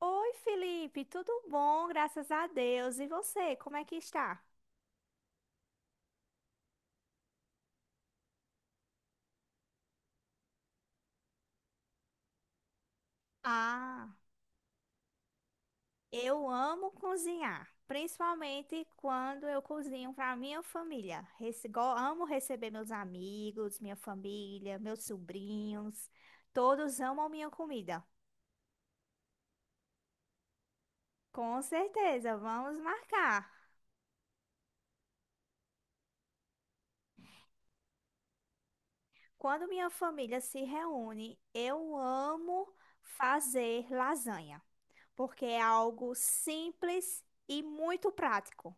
Oi, Felipe, tudo bom? Graças a Deus. E você, como é que está? Ah, eu amo cozinhar, principalmente quando eu cozinho para minha família. Amo receber meus amigos, minha família, meus sobrinhos. Todos amam minha comida. Com certeza, vamos marcar. Quando minha família se reúne, eu amo fazer lasanha, porque é algo simples e muito prático.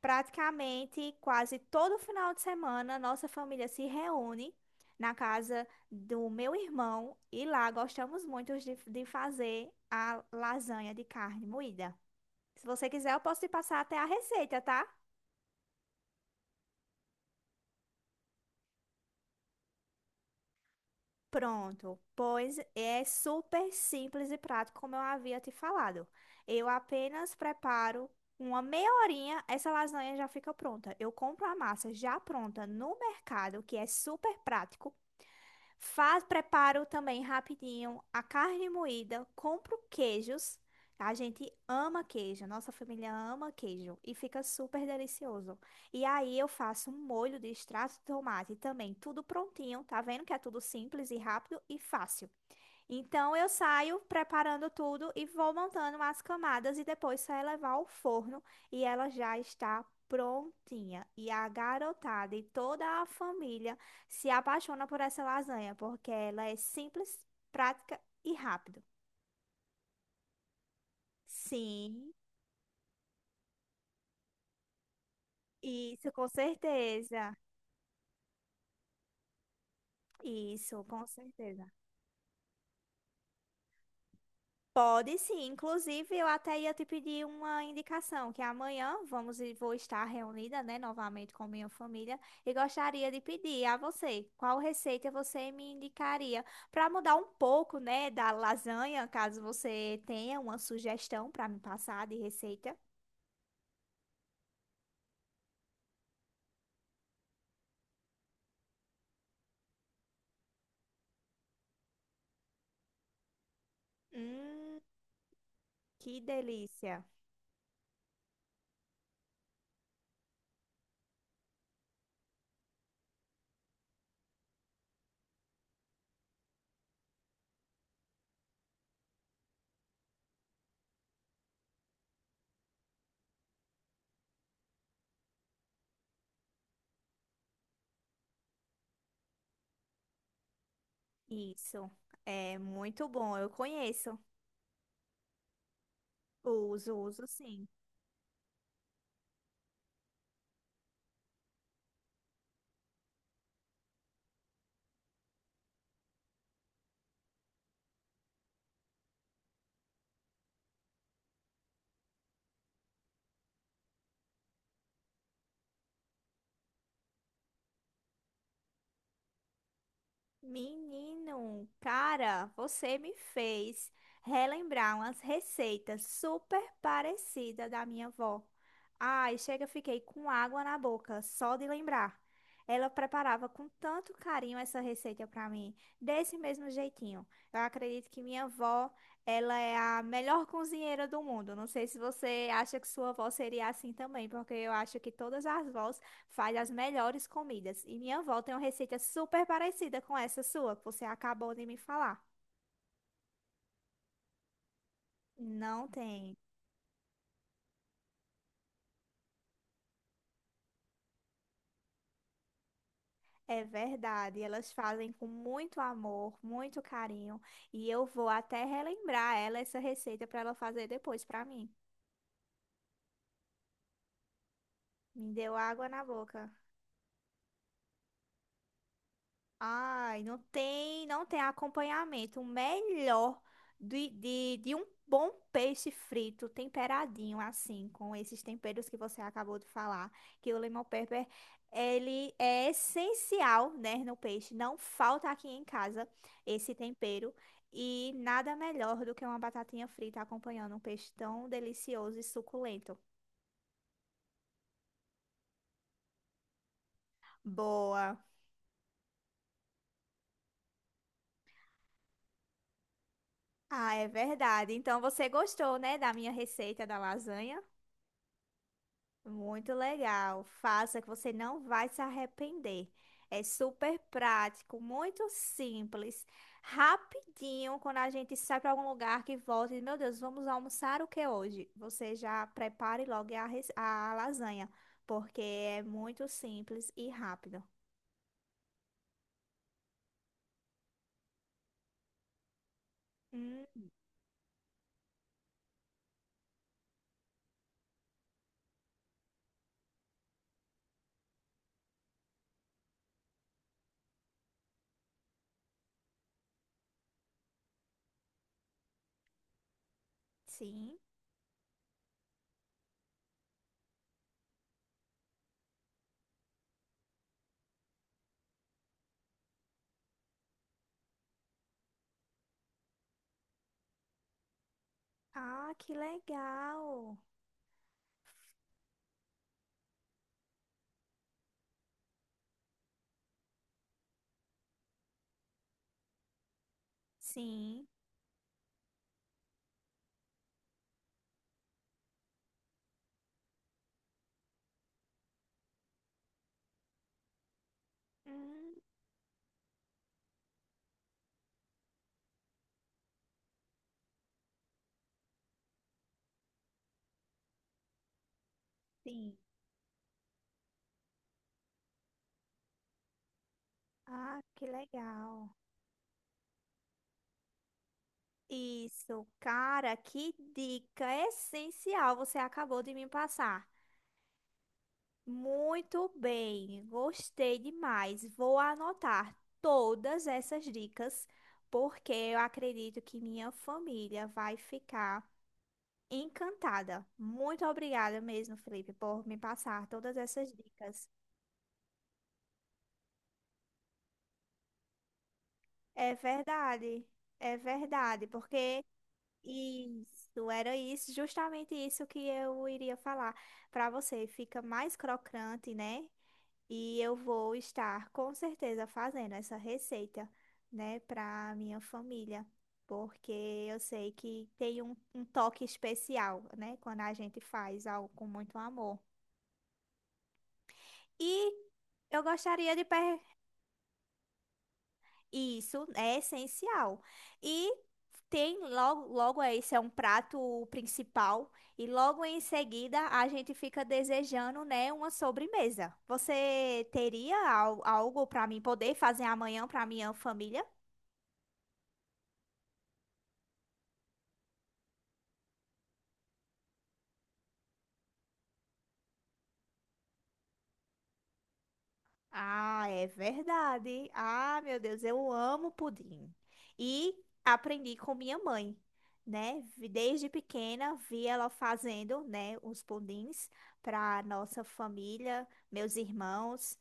Praticamente quase todo final de semana, nossa família se reúne na casa do meu irmão e lá gostamos muito de fazer a lasanha de carne moída. Se você quiser, eu posso te passar até a receita, tá? Pronto, pois é super simples e prático, como eu havia te falado. Eu apenas preparo uma meia horinha, essa lasanha já fica pronta. Eu compro a massa já pronta no mercado, que é super prático. Faz, preparo também rapidinho a carne moída, compro queijos. A gente ama queijo, nossa família ama queijo e fica super delicioso. E aí eu faço um molho de extrato de tomate também, tudo prontinho, tá vendo que é tudo simples e rápido e fácil. Então eu saio preparando tudo e vou montando as camadas e depois só é levar ao forno e ela já está prontinha. E a garotada e toda a família se apaixona por essa lasanha, porque ela é simples, prática e rápido. Sim, isso com certeza. Isso, com certeza. Pode sim, inclusive eu até ia te pedir uma indicação, que amanhã vamos e vou estar reunida, né, novamente com minha família e gostaria de pedir a você qual receita você me indicaria para mudar um pouco, né, da lasanha, caso você tenha uma sugestão para me passar de receita. Hum, que delícia. Isso. É muito bom, eu conheço. Uso, uso sim. Menino, cara, você me fez relembrar umas receitas super parecidas da minha avó. Ai, chega, fiquei com água na boca só de lembrar. Ela preparava com tanto carinho essa receita para mim, desse mesmo jeitinho. Eu acredito que minha avó, ela é a melhor cozinheira do mundo. Não sei se você acha que sua avó seria assim também, porque eu acho que todas as vós faz as melhores comidas. E minha avó tem uma receita super parecida com essa sua, que você acabou de me falar. Não tem. É verdade. Elas fazem com muito amor, muito carinho. E eu vou até relembrar ela essa receita para ela fazer depois para mim. Me deu água na boca. Ai, não tem, não tem acompanhamento. O melhor de um bom peixe frito, temperadinho assim, com esses temperos que você acabou de falar, que o lemon pepper, ele é essencial, né, no peixe. Não falta aqui em casa esse tempero. E nada melhor do que uma batatinha frita acompanhando um peixe tão delicioso e suculento. Boa. Ah, é verdade. Então você gostou, né, da minha receita da lasanha? Muito legal. Faça que você não vai se arrepender. É super prático, muito simples, rapidinho. Quando a gente sai para algum lugar que volta e, diz, meu Deus, vamos almoçar o que hoje? Você já prepare logo a lasanha, porque é muito simples e rápido. Hum, sim. Ah, que legal. Sim. Hum, sim. Ah, que legal. Isso, cara, que dica essencial você acabou de me passar. Muito bem, gostei demais. Vou anotar todas essas dicas, porque eu acredito que minha família vai ficar encantada. Muito obrigada mesmo, Felipe, por me passar todas essas dicas. É verdade, é verdade, porque. Isso, era isso, justamente isso que eu iria falar para você. Fica mais crocante, né? E eu vou estar com certeza fazendo essa receita, né, para minha família, porque eu sei que tem um toque especial, né, quando a gente faz algo com muito amor. E eu gostaria de perguntar. Isso é essencial. E tem logo, logo é, esse é um prato principal e logo em seguida a gente fica desejando, né, uma sobremesa. Você teria algo para mim poder fazer amanhã para minha família? Ah, é verdade. Ah, meu Deus, eu amo pudim. E aprendi com minha mãe, né? Desde pequena vi ela fazendo, né, os pudins para nossa família, meus irmãos,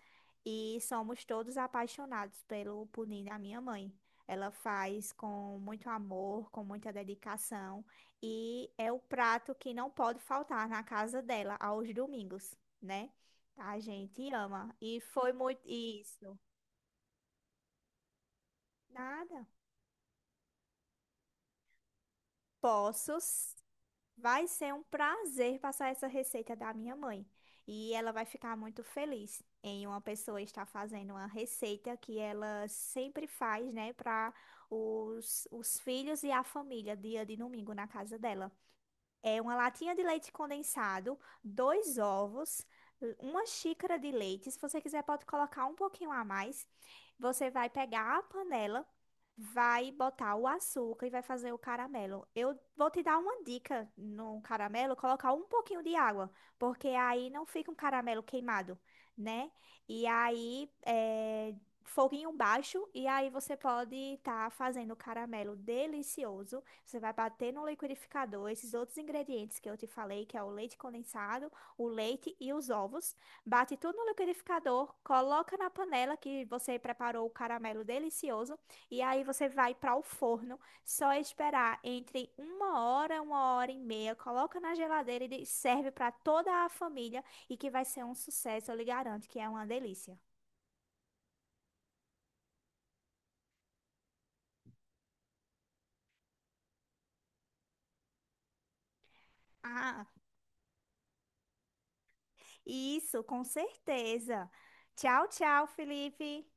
e somos todos apaixonados pelo pudim da minha mãe. Ela faz com muito amor, com muita dedicação, e é o prato que não pode faltar na casa dela aos domingos, né? A gente ama. E foi muito isso. Nada. Posso. Vai ser um prazer passar essa receita da minha mãe. E ela vai ficar muito feliz em uma pessoa estar fazendo uma receita que ela sempre faz, né, para os filhos e a família, dia de domingo na casa dela. É uma latinha de leite condensado, dois ovos, uma xícara de leite. Se você quiser, pode colocar um pouquinho a mais. Você vai pegar a panela. Vai botar o açúcar e vai fazer o caramelo. Eu vou te dar uma dica no caramelo, colocar um pouquinho de água, porque aí não fica um caramelo queimado, né? E aí, é, foguinho baixo, e aí você pode estar fazendo o caramelo delicioso. Você vai bater no liquidificador esses outros ingredientes que eu te falei, que é o leite condensado, o leite e os ovos. Bate tudo no liquidificador, coloca na panela que você preparou o caramelo delicioso e aí você vai para o forno, só esperar entre uma hora e meia, coloca na geladeira e serve para toda a família e que vai ser um sucesso, eu lhe garanto que é uma delícia. Ah, isso, com certeza. Tchau, tchau, Felipe.